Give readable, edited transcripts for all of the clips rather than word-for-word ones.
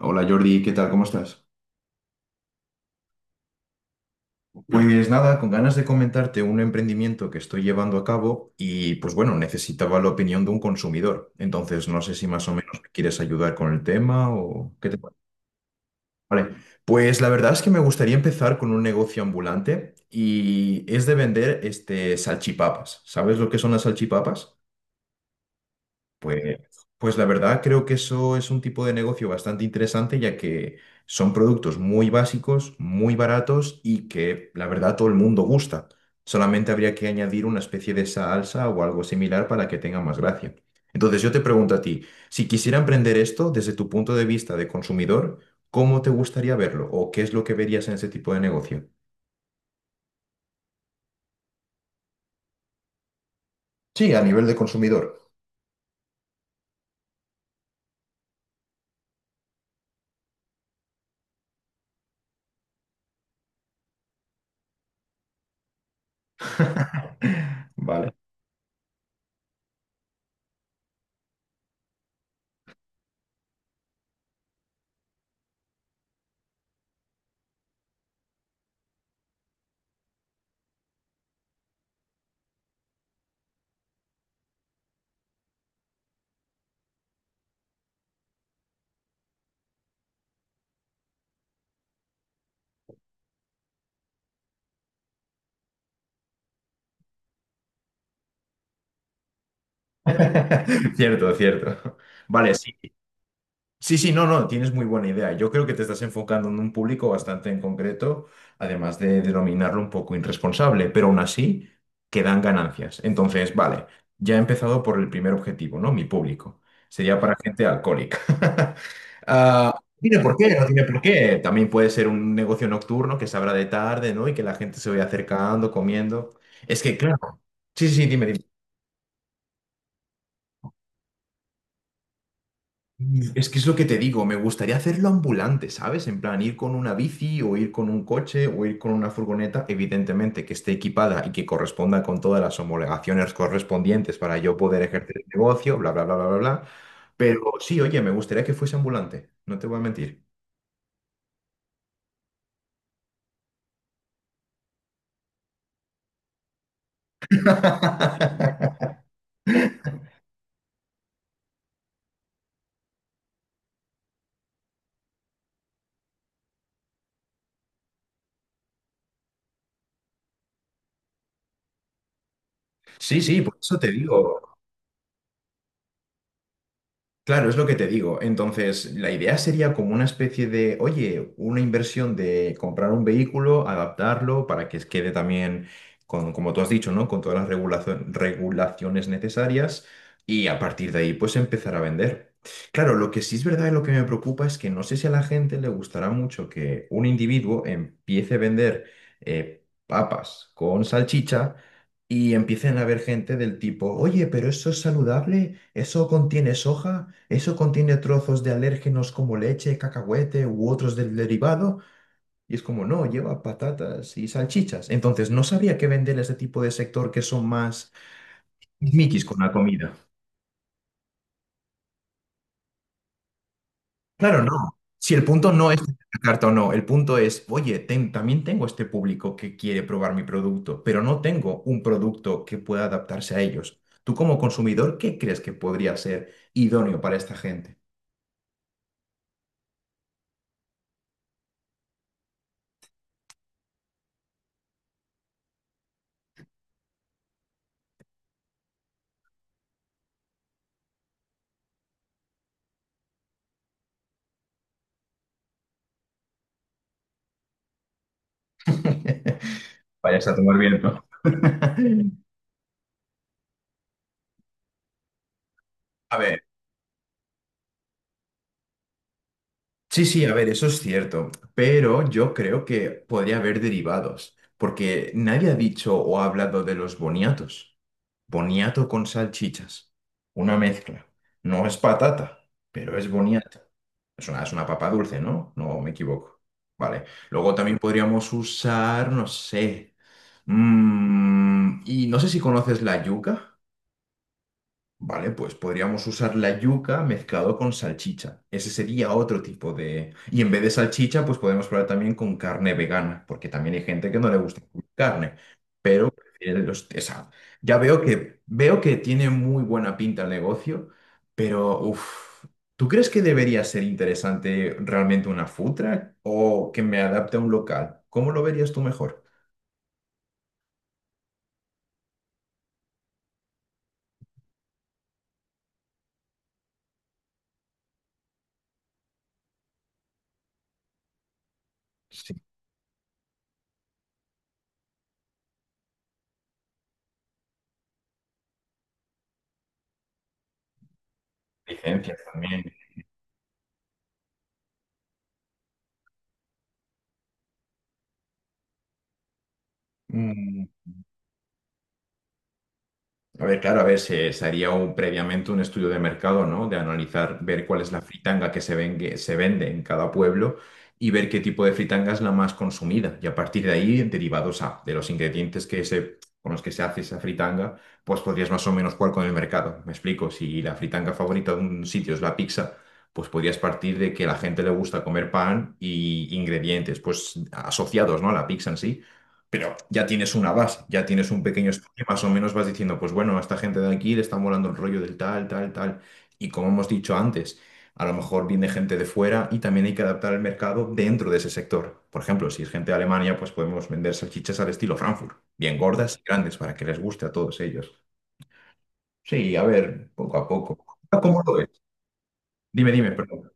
Hola Jordi, ¿qué tal? ¿Cómo estás? Pues nada, con ganas de comentarte un emprendimiento que estoy llevando a cabo y pues bueno, necesitaba la opinión de un consumidor. Entonces, no sé si más o menos me quieres ayudar con el tema o qué te parece. Vale, pues la verdad es que me gustaría empezar con un negocio ambulante y es de vender este salchipapas. ¿Sabes lo que son las salchipapas? Pues, pues la verdad creo que eso es un tipo de negocio bastante interesante, ya que son productos muy básicos, muy baratos y que la verdad todo el mundo gusta. Solamente habría que añadir una especie de salsa o algo similar para que tenga más gracia. Entonces yo te pregunto a ti, si quisiera emprender esto desde tu punto de vista de consumidor, ¿cómo te gustaría verlo o qué es lo que verías en ese tipo de negocio? Sí, a nivel de consumidor. Vale. Cierto, cierto. Vale, sí. Sí, sí, no, no, tienes muy buena idea. Yo creo que te estás enfocando en un público bastante en concreto, además de denominarlo un poco irresponsable, pero aún así que dan ganancias. Entonces, vale, ya he empezado por el primer objetivo, ¿no? Mi público. Sería para gente alcohólica. Ah, no tiene por qué, no tiene por qué. También puede ser un negocio nocturno que se abra de tarde, ¿no? Y que la gente se vaya acercando, comiendo. Es que, claro. Sí, sí, sí, dime, dime. Es que es lo que te digo, me gustaría hacerlo ambulante, ¿sabes? En plan, ir con una bici o ir con un coche o ir con una furgoneta, evidentemente que esté equipada y que corresponda con todas las homologaciones correspondientes para yo poder ejercer el negocio, bla, bla, bla, bla, bla, bla. Pero sí, oye, me gustaría que fuese ambulante, no te voy a mentir. Sí, sí, por eso te digo. Claro, es lo que te digo. Entonces, la idea sería como una especie de, oye, una inversión de comprar un vehículo, adaptarlo para que quede también, con, como tú has dicho, ¿no? Con todas las regulaciones necesarias y a partir de ahí, pues empezar a vender. Claro, lo que sí es verdad y lo que me preocupa es que no sé si a la gente le gustará mucho que un individuo empiece a vender papas con salchicha y empiecen a ver gente del tipo, oye, pero eso es saludable, eso contiene soja, eso contiene trozos de alérgenos como leche, cacahuete u otros del derivado, y es como, no, lleva patatas y salchichas. Entonces, no sabía qué vender a ese tipo de sector que son más miquis con la comida. Claro, no. Si el punto no es tener la carta o no, el punto es, oye, también tengo este público que quiere probar mi producto, pero no tengo un producto que pueda adaptarse a ellos. Tú como consumidor, ¿qué crees que podría ser idóneo para esta gente? Vayas a tomar viento. A ver. Sí, sí, a ver, eso es cierto, pero yo creo que podría haber derivados, porque nadie ha dicho o ha hablado de los boniatos. Boniato con salchichas, una mezcla. No es patata, pero es boniato. Es una papa dulce, ¿no? No me equivoco. Vale. Luego también podríamos usar, no sé, y no sé si conoces la yuca. Vale, pues podríamos usar la yuca mezclado con salchicha. Ese sería otro tipo de... Y en vez de salchicha, pues podemos probar también con carne vegana, porque también hay gente que no le gusta comer carne, pero prefiere los... o ya veo que tiene muy buena pinta el negocio, pero uff, ¿tú crees que debería ser interesante realmente una food truck o que me adapte a un local? ¿Cómo lo verías tú mejor? Sí, licencias también. A ver, claro, a ver, se haría un, previamente un estudio de mercado, ¿no? De analizar, ver cuál es la fritanga que se, se vende en cada pueblo y ver qué tipo de fritanga es la más consumida. Y a partir de ahí, derivados a, de los ingredientes que se, con los que se hace esa fritanga, pues podrías más o menos jugar con el mercado. Me explico, si la fritanga favorita de un sitio es la pizza, pues podrías partir de que a la gente le gusta comer pan y ingredientes, pues asociados, ¿no? A la pizza en sí pero ya tienes una base, ya tienes un pequeño estudio, más o menos vas diciendo, pues bueno, a esta gente de aquí le está molando el rollo del tal, tal, tal. Y como hemos dicho antes, a lo mejor viene gente de fuera y también hay que adaptar el mercado dentro de ese sector. Por ejemplo, si es gente de Alemania, pues podemos vender salchichas al estilo Frankfurt, bien gordas y grandes para que les guste a todos ellos. Sí, a ver, poco a poco. ¿Cómo lo ves? Dime, dime, perdón.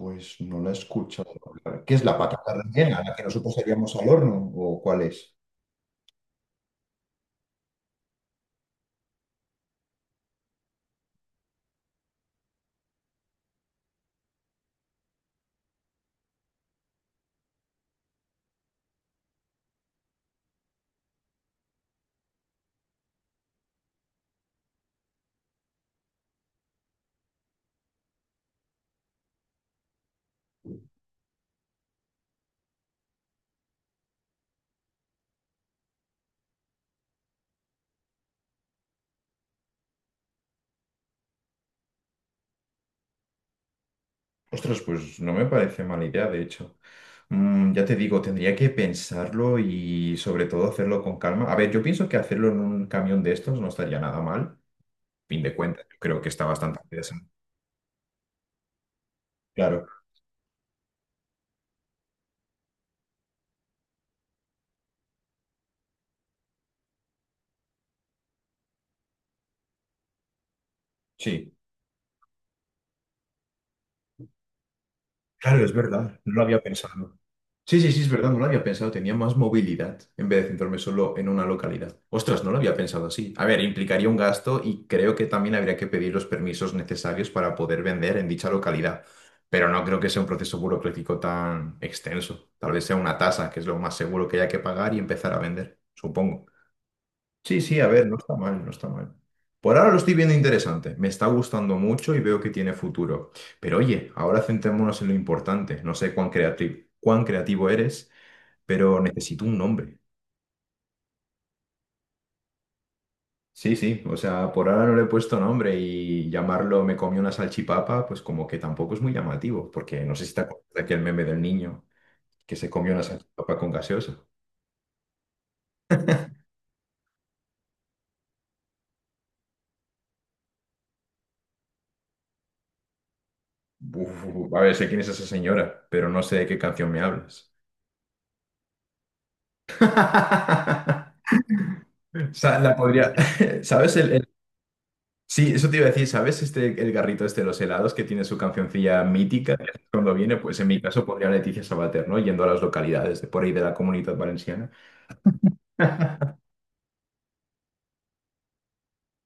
Pues no la he escuchado hablar. ¿Qué es la patata rellena? ¿La que nosotros haríamos al horno o cuál es? Ostras, pues no me parece mala idea, de hecho. Ya te digo, tendría que pensarlo y sobre todo hacerlo con calma. A ver, yo pienso que hacerlo en un camión de estos no estaría nada mal. Fin de cuentas, yo creo que está bastante interesante. Claro, sí. Claro, es verdad, no lo había pensado. Sí, sí, sí, es verdad, no lo había pensado, tenía más movilidad en vez de centrarme solo en una localidad. Ostras, no lo había pensado así. A ver, implicaría un gasto y creo que también habría que pedir los permisos necesarios para poder vender en dicha localidad, pero no creo que sea un proceso burocrático tan extenso. Tal vez sea una tasa, que es lo más seguro que haya que pagar y empezar a vender, supongo. Sí, sí, a ver, no está mal, no está mal. Por ahora lo estoy viendo interesante, me está gustando mucho y veo que tiene futuro. Pero oye, ahora centrémonos en lo importante, no sé cuán creativo eres pero necesito un nombre. Sí, sí, o sea, por ahora no le he puesto nombre y llamarlo me comí una salchipapa, pues como que tampoco es muy llamativo, porque no sé si te acuerdas de aquel meme del niño que se comió una salchipapa con gaseosa. Uf, a ver, sé quién es esa señora, pero no sé de qué canción me hablas. O sea, la podría. ¿Sabes el Sí, eso te iba a decir, ¿sabes este el garrito este de los helados que tiene su cancioncilla mítica? Cuando viene, pues en mi caso pondría a Leticia Sabater, ¿no? Yendo a las localidades de por ahí de la Comunidad Valenciana.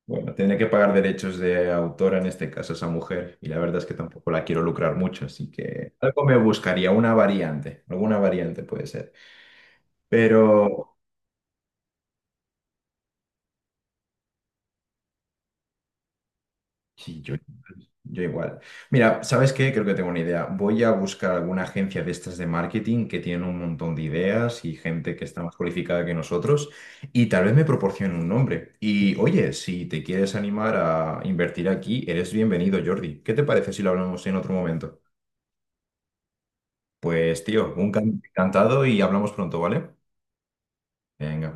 Bueno, tiene que pagar derechos de autor en este caso a esa mujer y la verdad es que tampoco la quiero lucrar mucho, así que algo me buscaría, una variante, alguna variante puede ser. Pero sí, yo igual. Mira, ¿sabes qué? Creo que tengo una idea. Voy a buscar alguna agencia de estas de marketing que tiene un montón de ideas y gente que está más cualificada que nosotros y tal vez me proporcionen un nombre. Y oye, si te quieres animar a invertir aquí, eres bienvenido, Jordi. ¿Qué te parece si lo hablamos en otro momento? Pues tío, un encantado y hablamos pronto, ¿vale? Venga.